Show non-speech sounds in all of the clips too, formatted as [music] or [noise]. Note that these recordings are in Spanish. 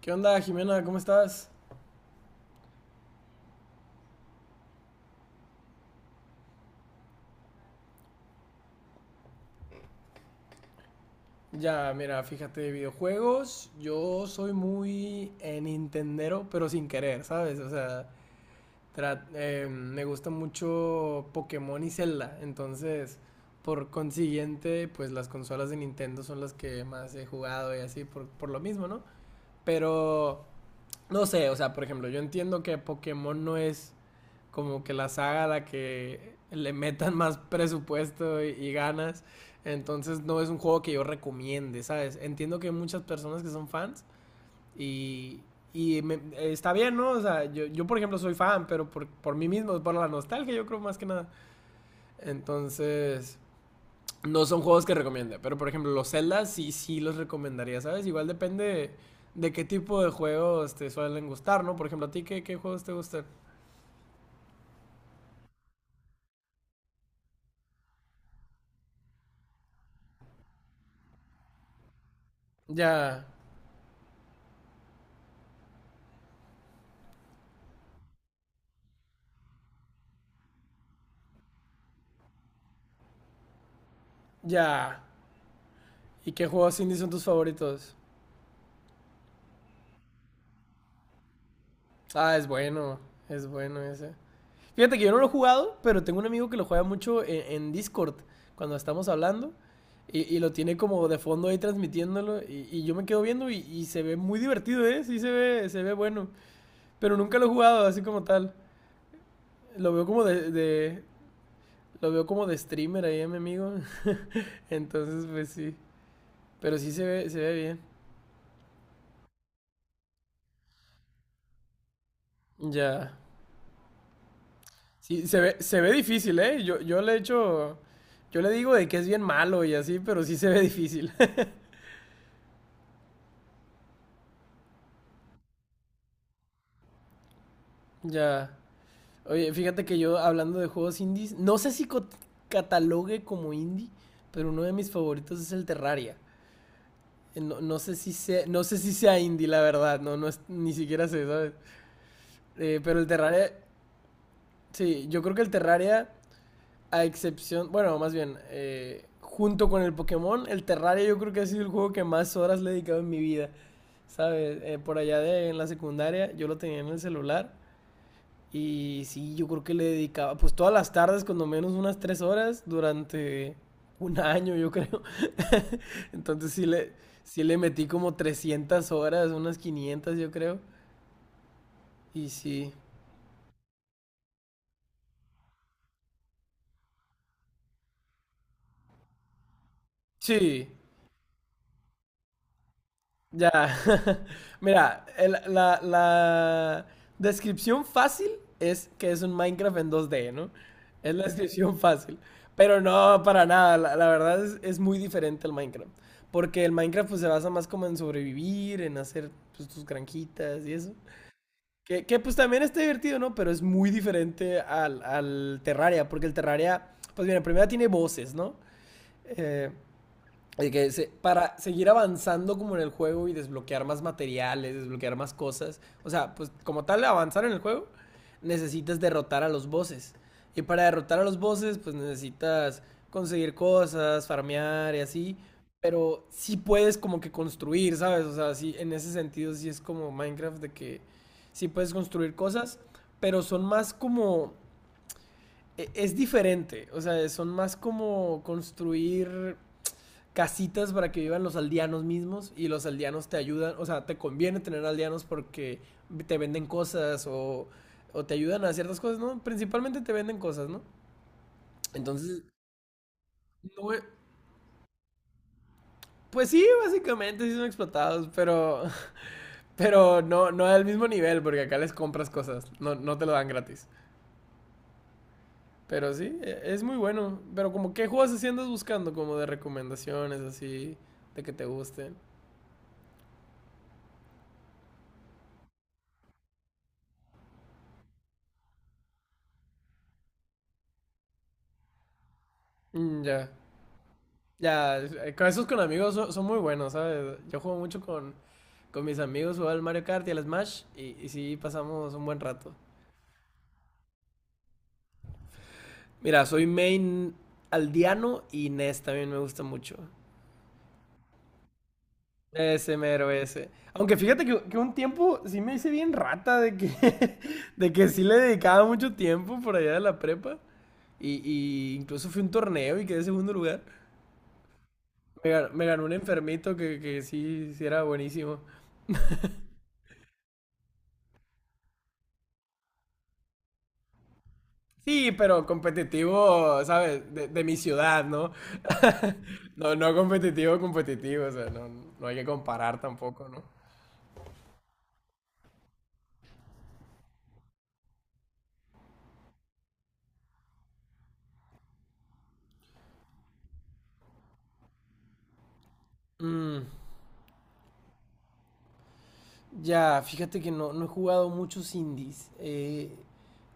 ¿Qué onda, Jimena? ¿Cómo estás? Ya, mira, fíjate, videojuegos, yo soy muy nintendero, pero sin querer, ¿sabes? O sea, me gusta mucho Pokémon y Zelda, entonces, por consiguiente, pues las consolas de Nintendo son las que más he jugado y así, por lo mismo, ¿no? Pero, no sé, o sea, por ejemplo, yo entiendo que Pokémon no es como que la saga a la que le metan más presupuesto y ganas. Entonces no es un juego que yo recomiende, ¿sabes? Entiendo que hay muchas personas que son fans y, y me- está bien, ¿no? O sea, por ejemplo soy fan, pero por mí mismo, por la nostalgia yo creo más que nada. Entonces, no son juegos que recomiende, pero por ejemplo los Zelda sí, sí los recomendaría, ¿sabes? Igual depende de qué tipo de juegos te suelen gustar, ¿no? Por ejemplo, ¿a ti qué juegos te gustan? Ya, ya. ¿Y qué juegos indie son tus favoritos? Ah, es bueno ese. Fíjate que yo no lo he jugado, pero tengo un amigo que lo juega mucho en Discord cuando estamos hablando y lo tiene como de fondo ahí transmitiéndolo y yo me quedo viendo y se ve muy divertido, ¿eh? Sí se ve bueno, pero nunca lo he jugado así como tal. Lo veo lo veo como de streamer ahí a mi amigo, [laughs] entonces pues sí, pero sí se ve bien. Ya. Sí, se ve difícil, ¿eh? Yo le digo de que es bien malo y así, pero sí se ve difícil. [laughs] Ya. Oye, fíjate que yo hablando de juegos indies, no sé si catalogue como indie, pero uno de mis favoritos es el Terraria. No, no sé si sea indie, la verdad, no, no es, ni siquiera sé, ¿sabes? Pero el Terraria, sí, yo creo que el Terraria a excepción, bueno, más bien, junto con el Pokémon, el Terraria yo creo que ha sido el juego que más horas le he dedicado en mi vida. ¿Sabes? Por allá en la secundaria yo lo tenía en el celular y sí, yo creo que le dedicaba pues todas las tardes, cuando menos unas 3 horas, durante un año yo creo. [laughs] Entonces sí le metí como 300 horas, unas 500 yo creo. Y sí, sí, ya. [laughs] Mira, la descripción fácil es que es un Minecraft en 2D, ¿no? Es la descripción [laughs] fácil. Pero no, para nada. La verdad es muy diferente al Minecraft. Porque el Minecraft pues se basa más como en sobrevivir, en hacer pues, tus granjitas y eso. Que, pues también está divertido, ¿no? Pero es muy diferente al Terraria. Porque el Terraria, pues mira, primero tiene voces, ¿no? Eh, para seguir avanzando como en el juego y desbloquear más materiales, desbloquear más cosas, o sea, pues como tal avanzar en el juego, necesitas derrotar a los bosses. Y para derrotar a los bosses, pues necesitas conseguir cosas, farmear y así, pero sí puedes como que construir, ¿sabes? O sea, sí, en ese sentido sí es como Minecraft de que sí puedes construir cosas, pero son más como... Es diferente, o sea, son más como construir casitas para que vivan los aldeanos mismos y los aldeanos te ayudan, o sea, te conviene tener aldeanos porque te venden cosas o te ayudan a ciertas cosas, ¿no? Principalmente te venden cosas, ¿no? Entonces, no e- pues sí, básicamente sí son explotados, pero, [laughs] pero no, no al mismo nivel porque acá les compras cosas, no, no te lo dan gratis. Pero sí, es muy bueno. Pero como, ¿qué juegos así andas buscando? Como de recomendaciones, así, de que te gusten. Mm, ya. Ya, con esos con amigos son muy buenos, ¿sabes? Yo juego mucho con mis amigos, juego al Mario Kart y al Smash y sí pasamos un buen rato. Mira, soy main aldeano y Ness también me gusta mucho. Ese mero ese. Aunque fíjate que un tiempo sí me hice bien rata de que, [laughs] de que sí le dedicaba mucho tiempo por allá de la prepa. Y incluso fui a un torneo y quedé segundo lugar. Me ganó un enfermito que sí, sí era buenísimo. Sí, pero competitivo, ¿sabes? De mi ciudad, ¿no? [laughs] No, no competitivo, competitivo, o sea, no, no hay que comparar tampoco, ¿no? Mm, ya, fíjate que no he jugado muchos indies.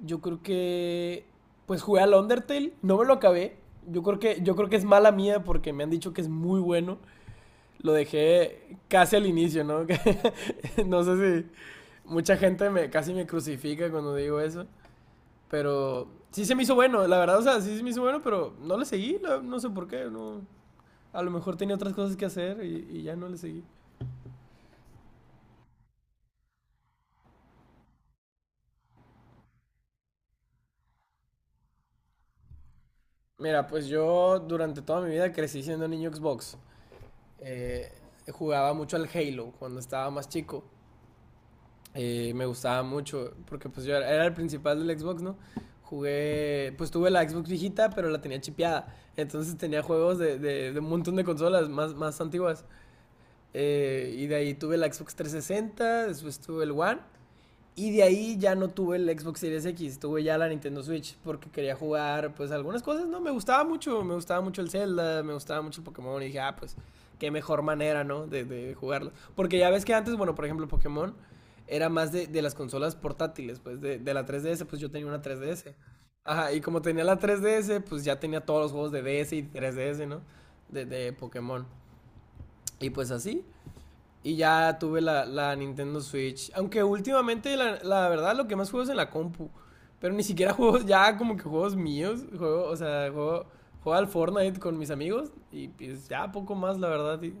Yo creo que, pues jugué al Undertale, no me lo acabé. Yo creo que es mala mía porque me han dicho que es muy bueno. Lo dejé casi al inicio, ¿no? [laughs] No sé si mucha gente casi me crucifica cuando digo eso. Pero sí se me hizo bueno, la verdad, o sea, sí se me hizo bueno, pero no le seguí, no, no sé por qué, no. A lo mejor tenía otras cosas que hacer y ya no le seguí. Mira, pues yo durante toda mi vida crecí siendo niño Xbox. Eh, jugaba mucho al Halo cuando estaba más chico. Me gustaba mucho, porque pues yo era el principal del Xbox, ¿no? Jugué, pues tuve la Xbox viejita, pero la tenía chipeada. Entonces tenía juegos de un montón de consolas más antiguas. Y de ahí tuve la Xbox 360, después tuve el One. Y de ahí ya no tuve el Xbox Series X, tuve ya la Nintendo Switch porque quería jugar pues algunas cosas, no, me gustaba mucho el Zelda, me gustaba mucho el Pokémon y dije, ah, pues qué mejor manera, ¿no? De jugarlo. Porque ya ves que antes, bueno, por ejemplo, Pokémon era más de las consolas portátiles, pues de la 3DS, pues yo tenía una 3DS. Ajá, y como tenía la 3DS, pues ya tenía todos los juegos de DS y 3DS, ¿no? De Pokémon. Y pues así. Y ya tuve la Nintendo Switch. Aunque últimamente, la verdad, lo que más juego es en la compu. Pero ni siquiera [laughs] juegos, ya como que juegos míos. Juego, o sea, juego al Fortnite con mis amigos. Y pues ya poco más, la verdad, y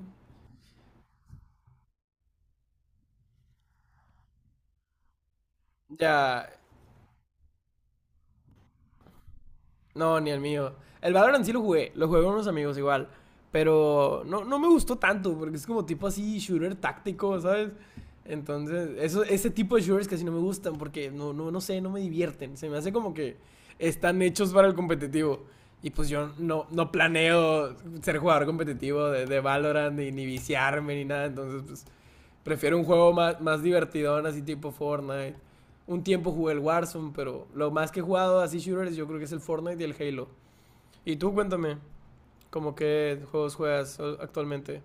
ya. No, ni el mío. El Valorant sí lo jugué con unos amigos igual. Pero no, no me gustó tanto, porque es como tipo así shooter táctico, ¿sabes? Entonces, ese tipo de shooters casi no me gustan, porque no, no, no sé, no me divierten. Se me hace como que están hechos para el competitivo. Y pues yo no planeo ser jugador competitivo de Valorant, ni viciarme, ni nada. Entonces, pues prefiero un juego más, divertidón, así tipo Fortnite. Un tiempo jugué el Warzone, pero lo más que he jugado así shooters yo creo que es el Fortnite y el Halo. Y tú cuéntame, ¿cómo qué juegos juegas actualmente?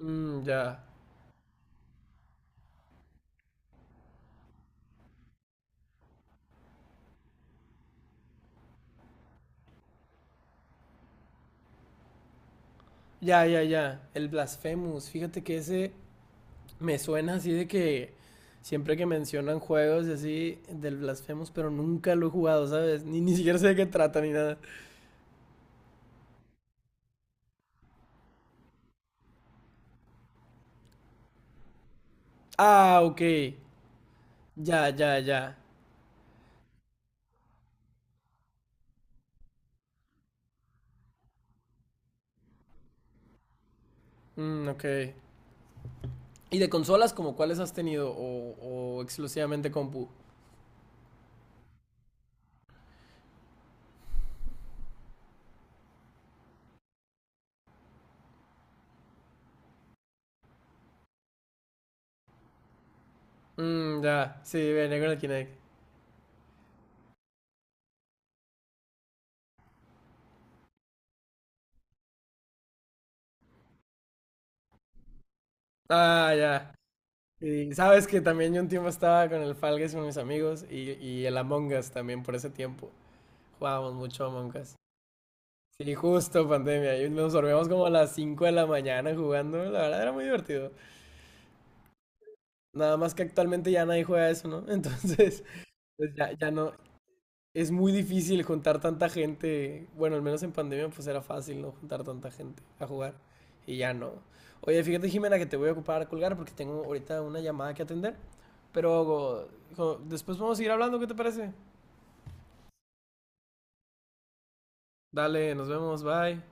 Mm, ya. Ya, ya, ya. El Blasphemous. Fíjate que ese me suena así de que siempre que mencionan juegos y así del Blasphemous, pero nunca lo he jugado, ¿sabes? Ni siquiera sé de qué trata ni nada. Ah, ok. Ya, ya, ya. Mm, ok. ¿Y de consolas como cuáles has tenido? ¿O exclusivamente compu? Mm, ya, sí, me negro el Kinect. Ah, ya. Y sabes que también yo un tiempo estaba con el Fall Guys con mis amigos y el Among Us también por ese tiempo. Jugábamos mucho Among Us. Sí, justo pandemia. Y nos dormíamos como a las 5 de la mañana jugando. La verdad era muy divertido. Nada más que actualmente ya nadie juega eso, ¿no? [laughs] Entonces, pues ya no, es muy difícil juntar tanta gente. Bueno, al menos en pandemia pues era fácil, ¿no? Juntar tanta gente a jugar. Y ya no. Oye, fíjate, Jimena, que te voy a ocupar a colgar porque tengo ahorita una llamada que atender. Pero después vamos a seguir hablando, ¿qué te parece? Dale, nos vemos, bye.